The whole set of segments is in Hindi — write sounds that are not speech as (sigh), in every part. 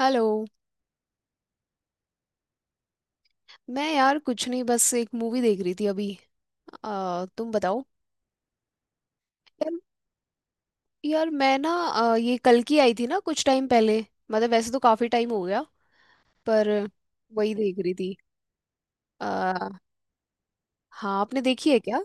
हेलो। मैं यार कुछ नहीं, बस एक मूवी देख रही थी अभी। तुम बताओ। यार यार मैं ना ये कल की आई थी ना, कुछ टाइम पहले। मतलब वैसे तो काफी टाइम हो गया, पर वही देख रही थी। आ, हाँ, आपने देखी है क्या?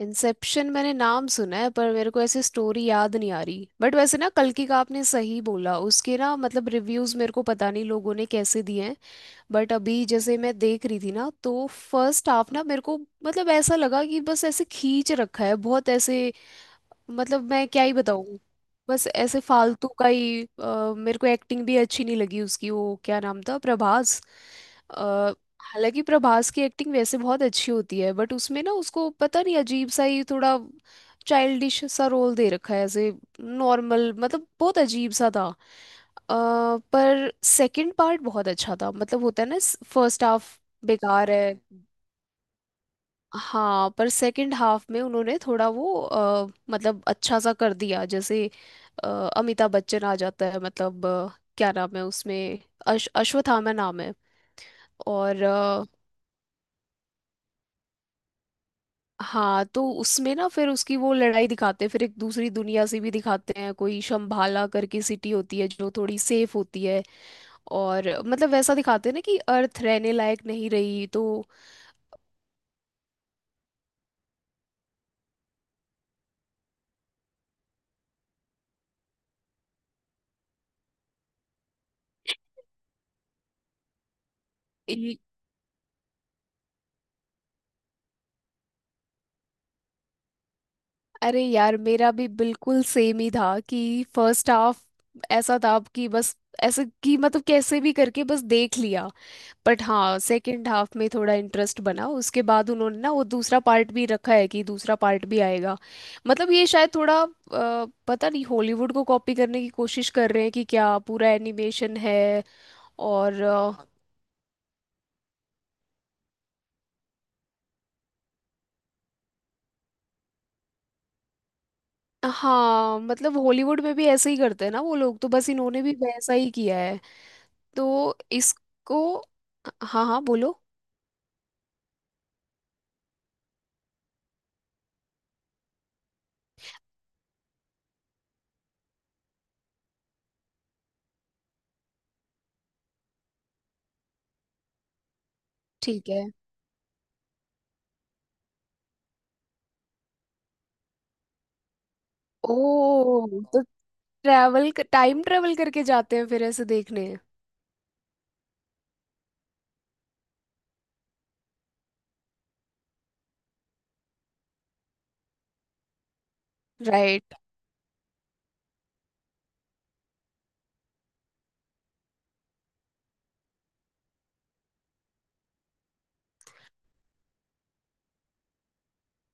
इंसेप्शन मैंने नाम सुना है, पर मेरे को ऐसे स्टोरी याद नहीं आ रही। बट वैसे ना, कल की का आपने सही बोला, उसके ना मतलब रिव्यूज मेरे को पता नहीं लोगों ने कैसे दिए हैं। बट अभी जैसे मैं देख रही थी ना, तो फर्स्ट हाफ ना मेरे को, मतलब ऐसा लगा कि बस ऐसे खींच रखा है बहुत ऐसे। मतलब मैं क्या ही बताऊँ। बस ऐसे फालतू का ही। मेरे को एक्टिंग भी अच्छी नहीं लगी उसकी, वो क्या नाम था, प्रभास। अ, हालांकि प्रभास की एक्टिंग वैसे बहुत अच्छी होती है, बट उसमें ना, उसको पता नहीं अजीब सा ही थोड़ा चाइल्डिश सा रोल दे रखा है ऐसे। नॉर्मल मतलब बहुत अजीब सा था। अ, पर सेकंड पार्ट बहुत अच्छा था। मतलब होता है ना, फर्स्ट हाफ बेकार है। हाँ पर सेकंड हाफ में उन्होंने थोड़ा वो मतलब अच्छा सा कर दिया। जैसे अ, अमिताभ बच्चन आ जाता है, मतलब क्या नाम है उसमें, अश्वत्थामा नाम है। और हाँ तो उसमें ना फिर उसकी वो लड़ाई दिखाते हैं, फिर एक दूसरी दुनिया से भी दिखाते हैं, कोई शंभाला करके सिटी होती है जो थोड़ी सेफ होती है। और मतलब वैसा दिखाते हैं ना कि अर्थ रहने लायक नहीं रही, तो। ये- अरे यार, मेरा भी बिल्कुल सेम ही था कि फर्स्ट हाफ ऐसा था कि बस, ऐसे कि मतलब कैसे भी करके बस देख लिया। बट हाँ, सेकंड हाफ में थोड़ा इंटरेस्ट बना, उसके बाद उन्होंने ना वो दूसरा पार्ट भी रखा है कि दूसरा पार्ट भी आएगा। मतलब ये शायद थोड़ा पता नहीं हॉलीवुड को कॉपी करने की कोशिश कर रहे हैं कि क्या, पूरा एनिमेशन है। और हाँ मतलब हॉलीवुड में भी ऐसे ही करते हैं ना वो लोग, तो बस इन्होंने भी वैसा ही किया है। तो इसको। हाँ हाँ, बोलो। ठीक है। ओ, तो ट्रैवल, टाइम ट्रैवल करके जाते हैं फिर ऐसे देखने। राइट।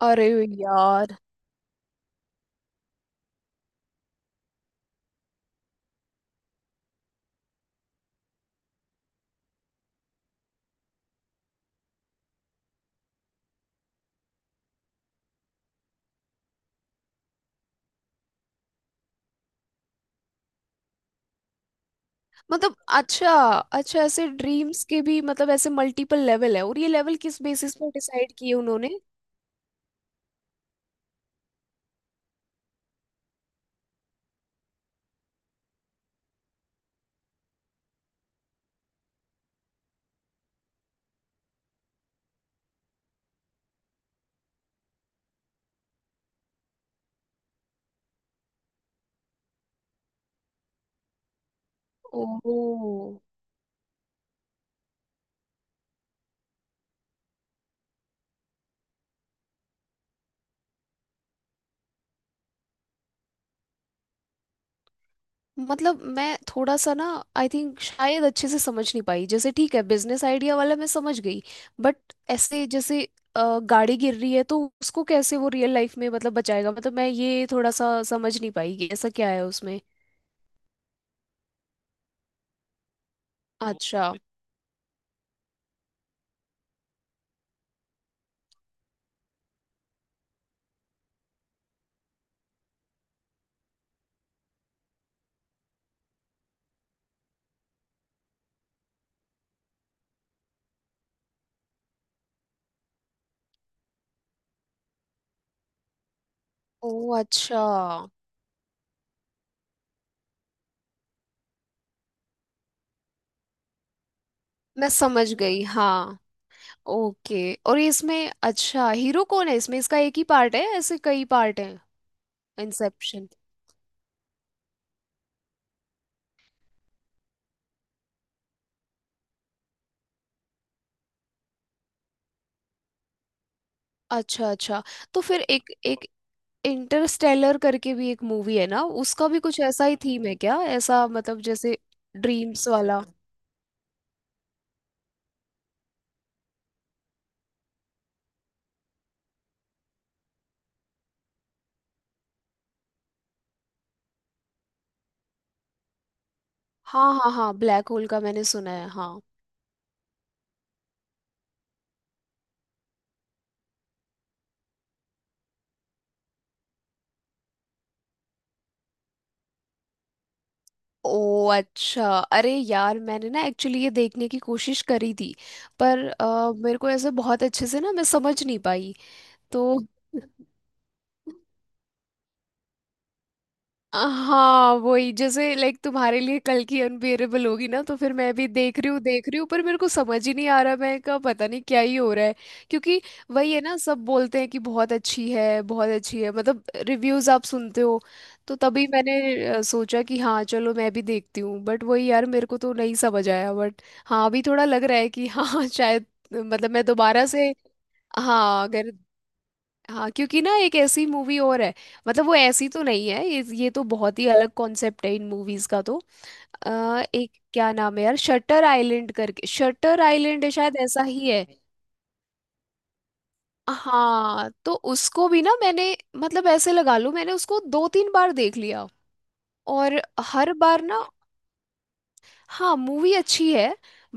अरे यार, मतलब अच्छा, अच्छा ऐसे ड्रीम्स के भी, मतलब ऐसे मल्टीपल लेवल है, और ये लेवल किस बेसिस पर डिसाइड किए उन्होंने? ओ मतलब मैं थोड़ा सा ना, आई थिंक शायद अच्छे से समझ नहीं पाई। जैसे ठीक है, बिजनेस आइडिया वाला मैं समझ गई, बट ऐसे जैसे गाड़ी गिर रही है तो उसको कैसे वो रियल लाइफ में मतलब बचाएगा, मतलब मैं ये थोड़ा सा समझ नहीं पाई कि ऐसा क्या है उसमें। वो अच्छा। ओ अच्छा, मैं समझ गई हाँ। ओके। और ये इसमें अच्छा, हीरो कौन है इसमें, इसका एक ही पार्ट है ऐसे कई पार्ट हैं? इंसेप्शन अच्छा, अच्छा। तो फिर एक एक इंटरस्टेलर करके भी एक मूवी है ना, उसका भी कुछ ऐसा ही थीम है क्या, ऐसा मतलब जैसे ड्रीम्स वाला? हाँ हाँ हाँ, ब्लैक होल का मैंने सुना है हाँ। ओ अच्छा। अरे यार मैंने ना एक्चुअली ये देखने की कोशिश करी थी, पर मेरे को ऐसे बहुत अच्छे से ना मैं समझ नहीं पाई तो (laughs) हाँ वही, जैसे लाइक तुम्हारे लिए कल की अनबियरेबल होगी ना, तो फिर मैं भी देख रही हूँ देख रही हूँ, पर मेरे को समझ ही नहीं आ रहा, मैं का पता नहीं क्या ही हो रहा है। क्योंकि वही है ना, सब बोलते हैं कि बहुत अच्छी है, बहुत अच्छी है, मतलब रिव्यूज आप सुनते हो, तो तभी मैंने सोचा कि हाँ चलो मैं भी देखती हूँ, बट वही यार मेरे को तो नहीं समझ आया, बट हाँ अभी थोड़ा लग रहा है कि हाँ (laughs) शायद। मतलब मैं दोबारा से। हाँ अगर। हाँ क्योंकि ना एक ऐसी मूवी और है, मतलब वो ऐसी तो नहीं है, ये तो बहुत ही अलग कॉन्सेप्ट है इन मूवीज का तो। एक क्या नाम है यार, शटर आइलैंड करके, शटर आइलैंड है शायद, ऐसा ही है। हाँ तो उसको भी ना मैंने, मतलब ऐसे लगा लो मैंने उसको दो तीन बार देख लिया। और हर बार ना, हाँ मूवी अच्छी है,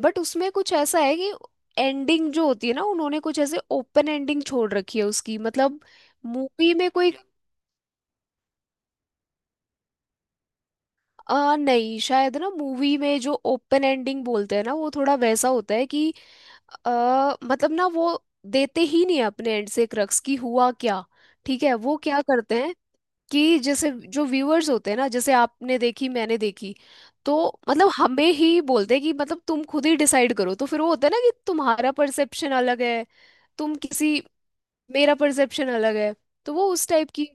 बट उसमें कुछ ऐसा है कि एंडिंग जो होती है ना, उन्होंने कुछ ऐसे ओपन एंडिंग छोड़ रखी है उसकी, मतलब मूवी में कोई। नहीं शायद ना, मूवी में जो ओपन एंडिंग बोलते हैं ना, वो थोड़ा वैसा होता है कि मतलब ना वो देते ही नहीं है अपने एंड से क्रक्स की हुआ क्या। ठीक है वो क्या करते हैं कि जैसे जो व्यूअर्स होते हैं ना, जैसे आपने देखी मैंने देखी, तो मतलब हमें ही बोलते हैं कि मतलब तुम खुद ही डिसाइड करो। तो फिर वो होता है ना कि तुम्हारा परसेप्शन अलग है, तुम किसी, मेरा परसेप्शन अलग है, तो वो उस टाइप की।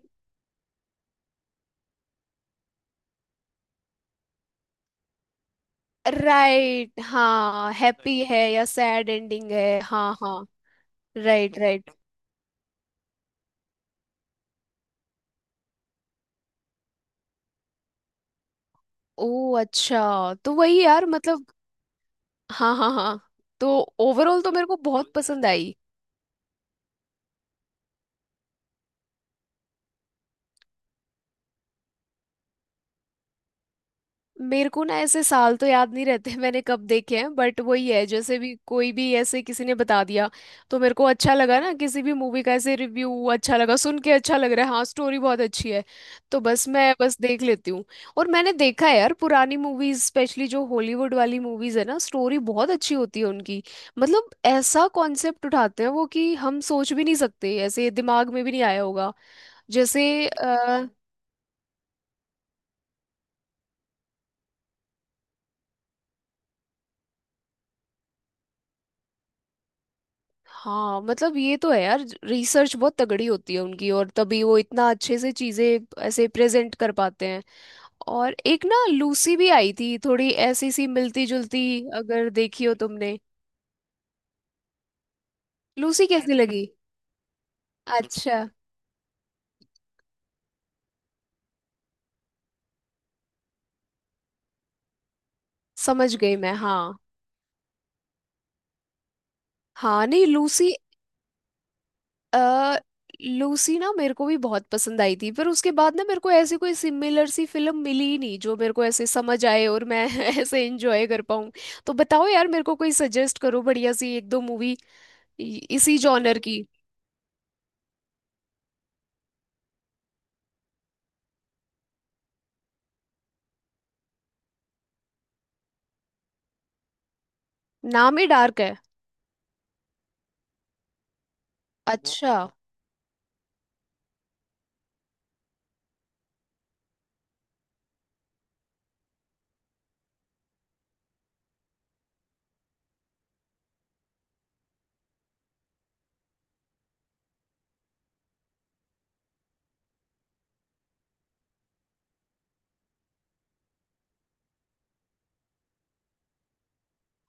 राइट, हाँ हैप्पी है या सैड एंडिंग है, हाँ हाँ। Right, right. ओ अच्छा तो वही यार मतलब, हाँ हाँ हाँ। तो ओवरऑल तो मेरे को बहुत पसंद आई। मेरे को ना ऐसे साल तो याद नहीं रहते (laughs) मैंने कब देखे हैं, बट वही है जैसे भी, कोई भी ऐसे किसी ने बता दिया तो मेरे को अच्छा लगा ना, किसी भी मूवी का ऐसे रिव्यू अच्छा लगा सुन के, अच्छा लग रहा है, हाँ स्टोरी बहुत अच्छी है, तो बस मैं बस देख लेती हूँ। और मैंने देखा है यार, पुरानी मूवीज स्पेशली जो हॉलीवुड वाली मूवीज है ना, स्टोरी बहुत अच्छी होती है उनकी। मतलब ऐसा कॉन्सेप्ट उठाते हैं वो कि हम सोच भी नहीं सकते, ऐसे दिमाग में भी नहीं आया होगा। जैसे हाँ मतलब ये तो है यार, रिसर्च बहुत तगड़ी होती है उनकी, और तभी वो इतना अच्छे से चीजें ऐसे प्रेजेंट कर पाते हैं। और एक ना लूसी भी आई थी, थोड़ी ऐसी सी मिलती जुलती, अगर देखी हो तुमने। लूसी कैसी लगी? अच्छा, समझ गई मैं हाँ। हाँ नहीं लूसी, अ लूसी ना मेरे को भी बहुत पसंद आई थी, पर उसके बाद ना मेरे को ऐसी कोई सिमिलर सी फिल्म मिली ही नहीं जो मेरे को ऐसे समझ आए और मैं (laughs) ऐसे एंजॉय कर पाऊँ। तो बताओ यार मेरे को, कोई सजेस्ट करो बढ़िया सी एक दो मूवी, इसी जॉनर की। नाम ही डार्क है? अच्छा।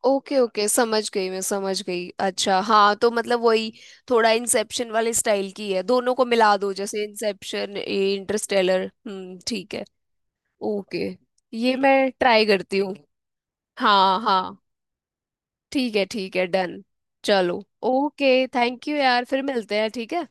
ओके ओके, समझ गई मैं, समझ गई अच्छा। हाँ तो मतलब वही, थोड़ा इंसेप्शन वाले स्टाइल की है, दोनों को मिला दो जैसे इंसेप्शन इंटरस्टेलर। ठीक है। ओके, ये मैं ट्राई करती हूँ। हाँ हाँ ठीक है, ठीक है, डन। चलो। ओके, थैंक यू यार, फिर मिलते हैं, ठीक है।